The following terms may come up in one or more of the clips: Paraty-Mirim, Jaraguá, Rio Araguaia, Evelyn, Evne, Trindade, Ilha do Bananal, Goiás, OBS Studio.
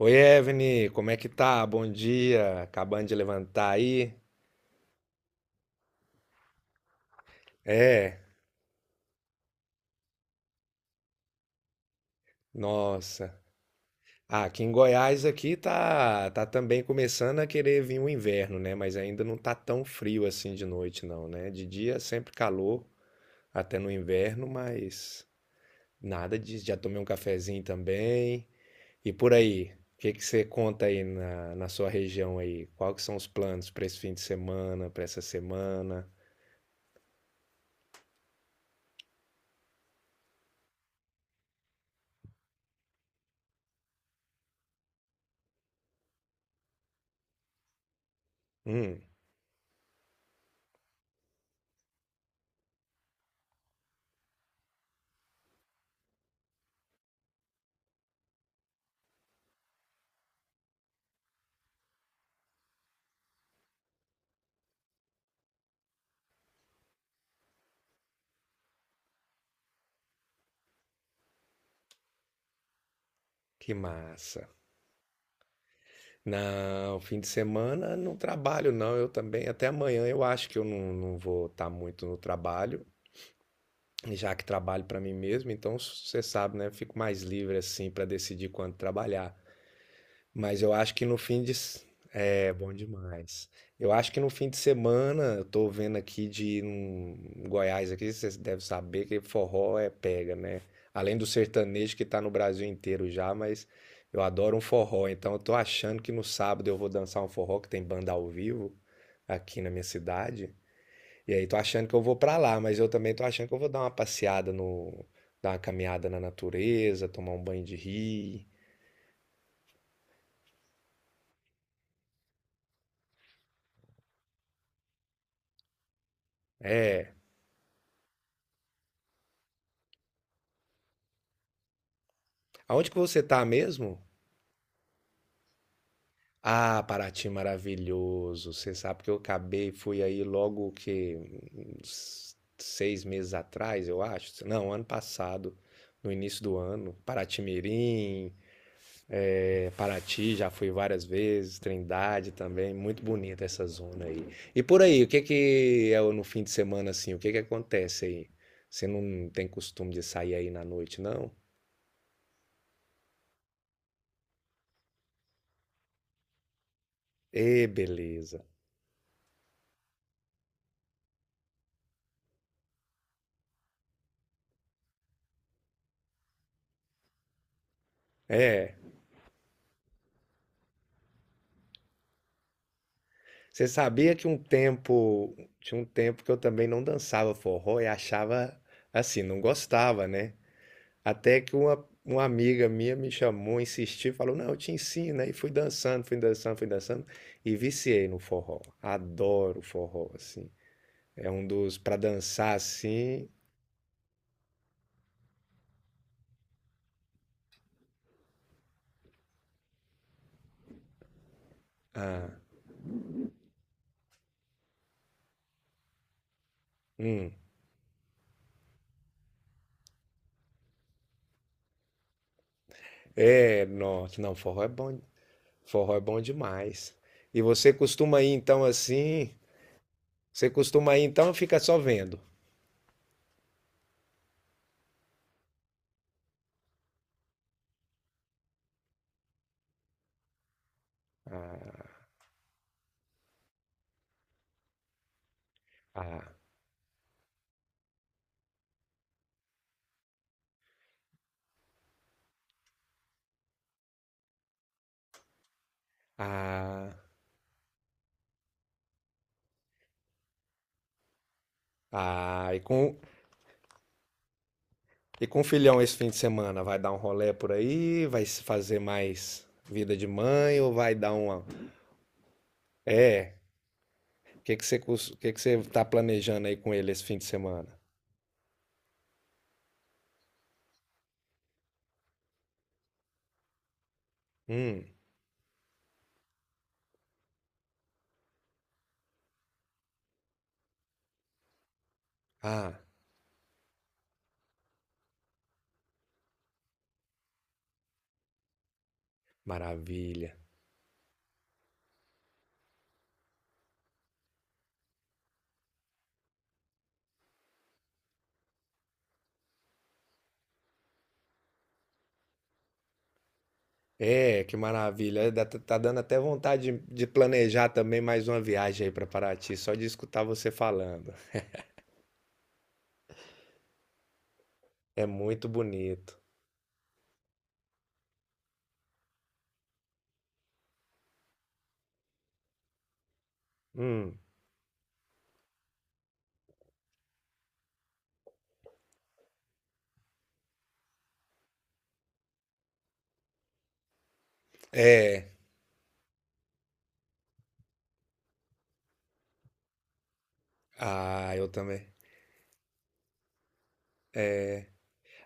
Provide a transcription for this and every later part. Oi, Evne, como é que tá? Bom dia. Acabando de levantar aí? É, nossa. Ah, aqui em Goiás aqui tá também começando a querer vir o inverno, né? Mas ainda não tá tão frio assim de noite não, né? De dia sempre calor, até no inverno, mas nada disso. Já tomei um cafezinho também. E por aí, o que que você conta aí na sua região aí? Qual que são os planos para esse fim de semana, para essa semana? Hum, que massa. Não, fim de semana não trabalho não, eu também até amanhã eu acho que eu não vou estar muito no trabalho, já que trabalho para mim mesmo, então você sabe, né, eu fico mais livre assim para decidir quando trabalhar. Mas eu acho que no fim de. S- É, bom demais. Eu acho que no fim de semana, eu tô vendo aqui de ir num em Goiás aqui, vocês devem saber que forró é pega, né? Além do sertanejo que tá no Brasil inteiro já, mas eu adoro um forró, então eu tô achando que no sábado eu vou dançar um forró que tem banda ao vivo aqui na minha cidade. E aí tô achando que eu vou pra lá, mas eu também tô achando que eu vou dar uma passeada no, dar uma caminhada na natureza, tomar um banho de rio. É. Aonde que você tá mesmo? Ah, Paraty maravilhoso. Você sabe que eu acabei, fui aí logo que uns 6 meses atrás, eu acho. Não, ano passado, no início do ano. Paraty-Mirim, é, Paraty, já fui várias vezes. Trindade também, muito bonita essa zona aí. E por aí, o que que é no fim de semana assim? O que que acontece aí? Você não tem costume de sair aí na noite, não? Ê, beleza. É. Você sabia que tinha um tempo que eu também não dançava forró e achava assim, não gostava, né? Até que uma amiga minha me chamou, insistiu, falou: Não, eu te ensino. Né? E fui dançando, fui dançando, fui dançando e viciei no forró. Adoro forró, assim. É um dos, para dançar assim. Ah, hum. É, nossa, não, forró é bom demais. E você costuma ir então assim? Você costuma ir então, ou fica só vendo. Ah, ah. Ah, ah, e com o filhão esse fim de semana? Vai dar um rolê por aí? Vai se fazer mais vida de mãe ou vai dar uma. É, o que que você, cus- que você tá planejando aí com ele esse fim de semana? Hum, ah, maravilha. É, que maravilha. Tá dando até vontade de planejar também mais uma viagem aí para Paraty, só de escutar você falando. É muito bonito. Hum, é. Ah, eu também.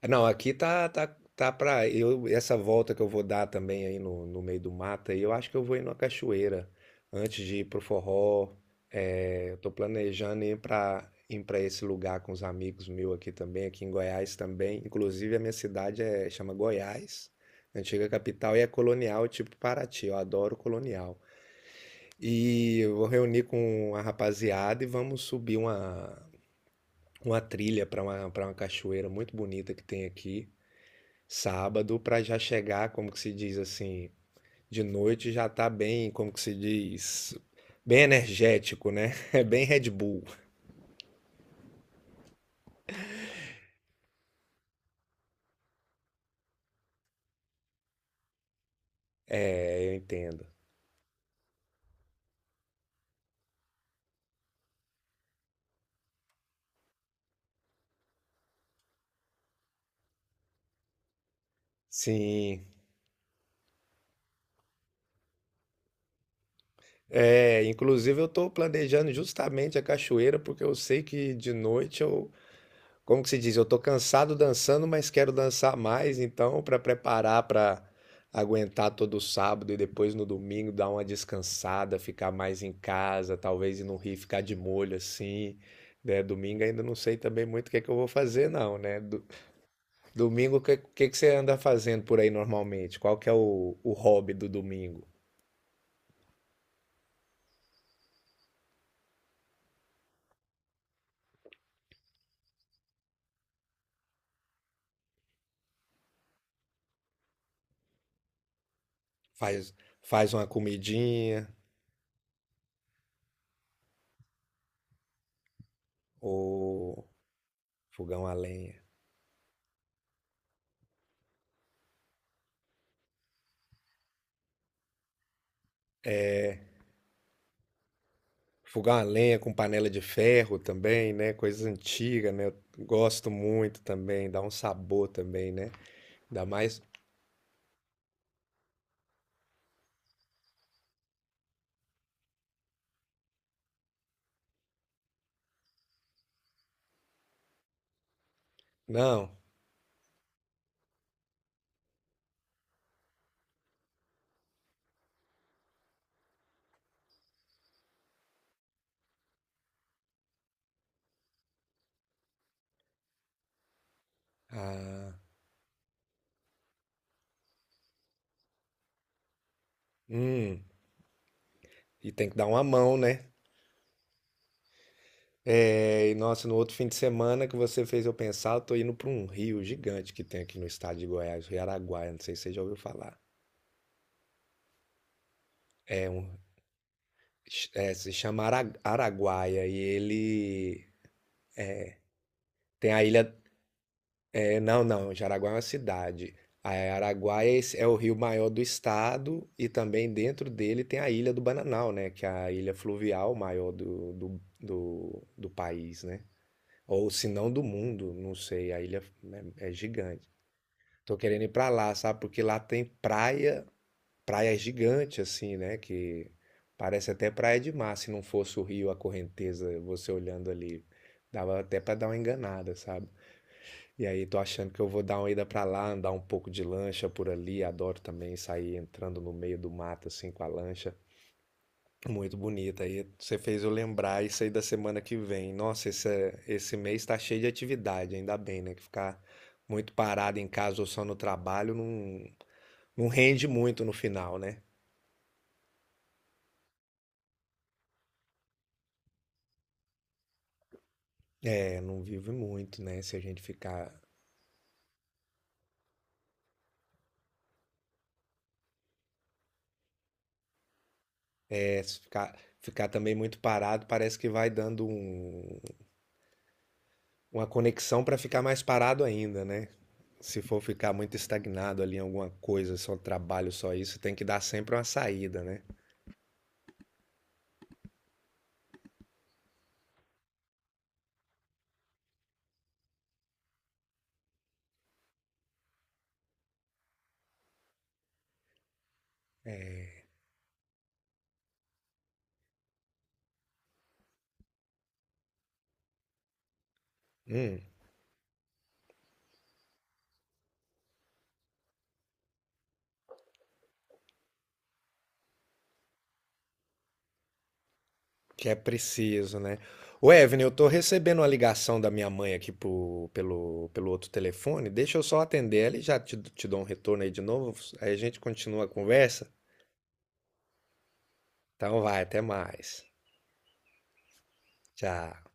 É, não, aqui tá para eu essa volta que eu vou dar também aí no meio do mato, aí eu acho que eu vou ir numa cachoeira antes de ir pro forró. É, eu tô planejando ir para esse lugar com os amigos meus aqui também, aqui em Goiás também. Inclusive a minha cidade é chama Goiás, antiga capital e é colonial, tipo Paraty. Eu adoro colonial. E eu vou reunir com a rapaziada e vamos subir uma trilha para uma cachoeira muito bonita que tem aqui. Sábado para já chegar, como que se diz assim, de noite já tá bem, como que se diz, bem energético, né? É bem Red Bull. É, eu entendo. Sim. É, inclusive eu tô planejando justamente a cachoeira porque eu sei que de noite eu. Como que se diz? Eu tô cansado dançando, mas quero dançar mais, então, para preparar para aguentar todo sábado e depois no domingo dar uma descansada, ficar mais em casa, talvez ir no Rio ficar de molho assim. Né? Domingo ainda não sei também muito o que é que eu vou fazer, não, né? Domingo, que você anda fazendo por aí normalmente? Qual que é o hobby do domingo? Faz, faz uma comidinha ou fogão a lenha? Fogão a lenha com panela de ferro também, né? Coisa antiga, né? Eu gosto muito também, dá um sabor também, né? Dá mais. Não. Ah, hum. E tem que dar uma mão, né? É, e nossa, no outro fim de semana que você fez eu pensar, eu tô indo para um rio gigante que tem aqui no estado de Goiás, Rio Araguaia, não sei se você já ouviu falar. É um, se chama Araguaia e ele tem a ilha. É, não, não, Jaraguá é uma cidade. A Araguaia é é o rio maior do estado e também dentro dele tem a Ilha do Bananal, né? Que é a ilha fluvial maior do país, né? Ou se não do mundo, não sei. A ilha é gigante. Tô querendo ir pra lá, sabe? Porque lá tem praia, praia gigante, assim, né? Que parece até praia de mar. Se não fosse o rio, a correnteza, você olhando ali, dava até pra dar uma enganada, sabe? E aí, tô achando que eu vou dar uma ida pra lá, andar um pouco de lancha por ali. Adoro também sair entrando no meio do mato assim com a lancha. Muito bonita. Aí você fez eu lembrar isso aí da semana que vem. Nossa, esse mês tá cheio de atividade, ainda bem, né? Que ficar muito parado em casa ou só no trabalho não rende muito no final, né? É, não vive muito, né? Se a gente ficar, é, se ficar, Ficar também muito parado, parece que vai dando um. Uma conexão para ficar mais parado ainda, né? Se for ficar muito estagnado ali em alguma coisa, só trabalho, só isso, tem que dar sempre uma saída, né? É, hum, que é preciso, né? Ô, Evelyn, eu tô recebendo uma ligação da minha mãe aqui pelo outro telefone. Deixa eu só atender ela e já te dou um retorno aí de novo. Aí a gente continua a conversa. Então vai, até mais. Tchau.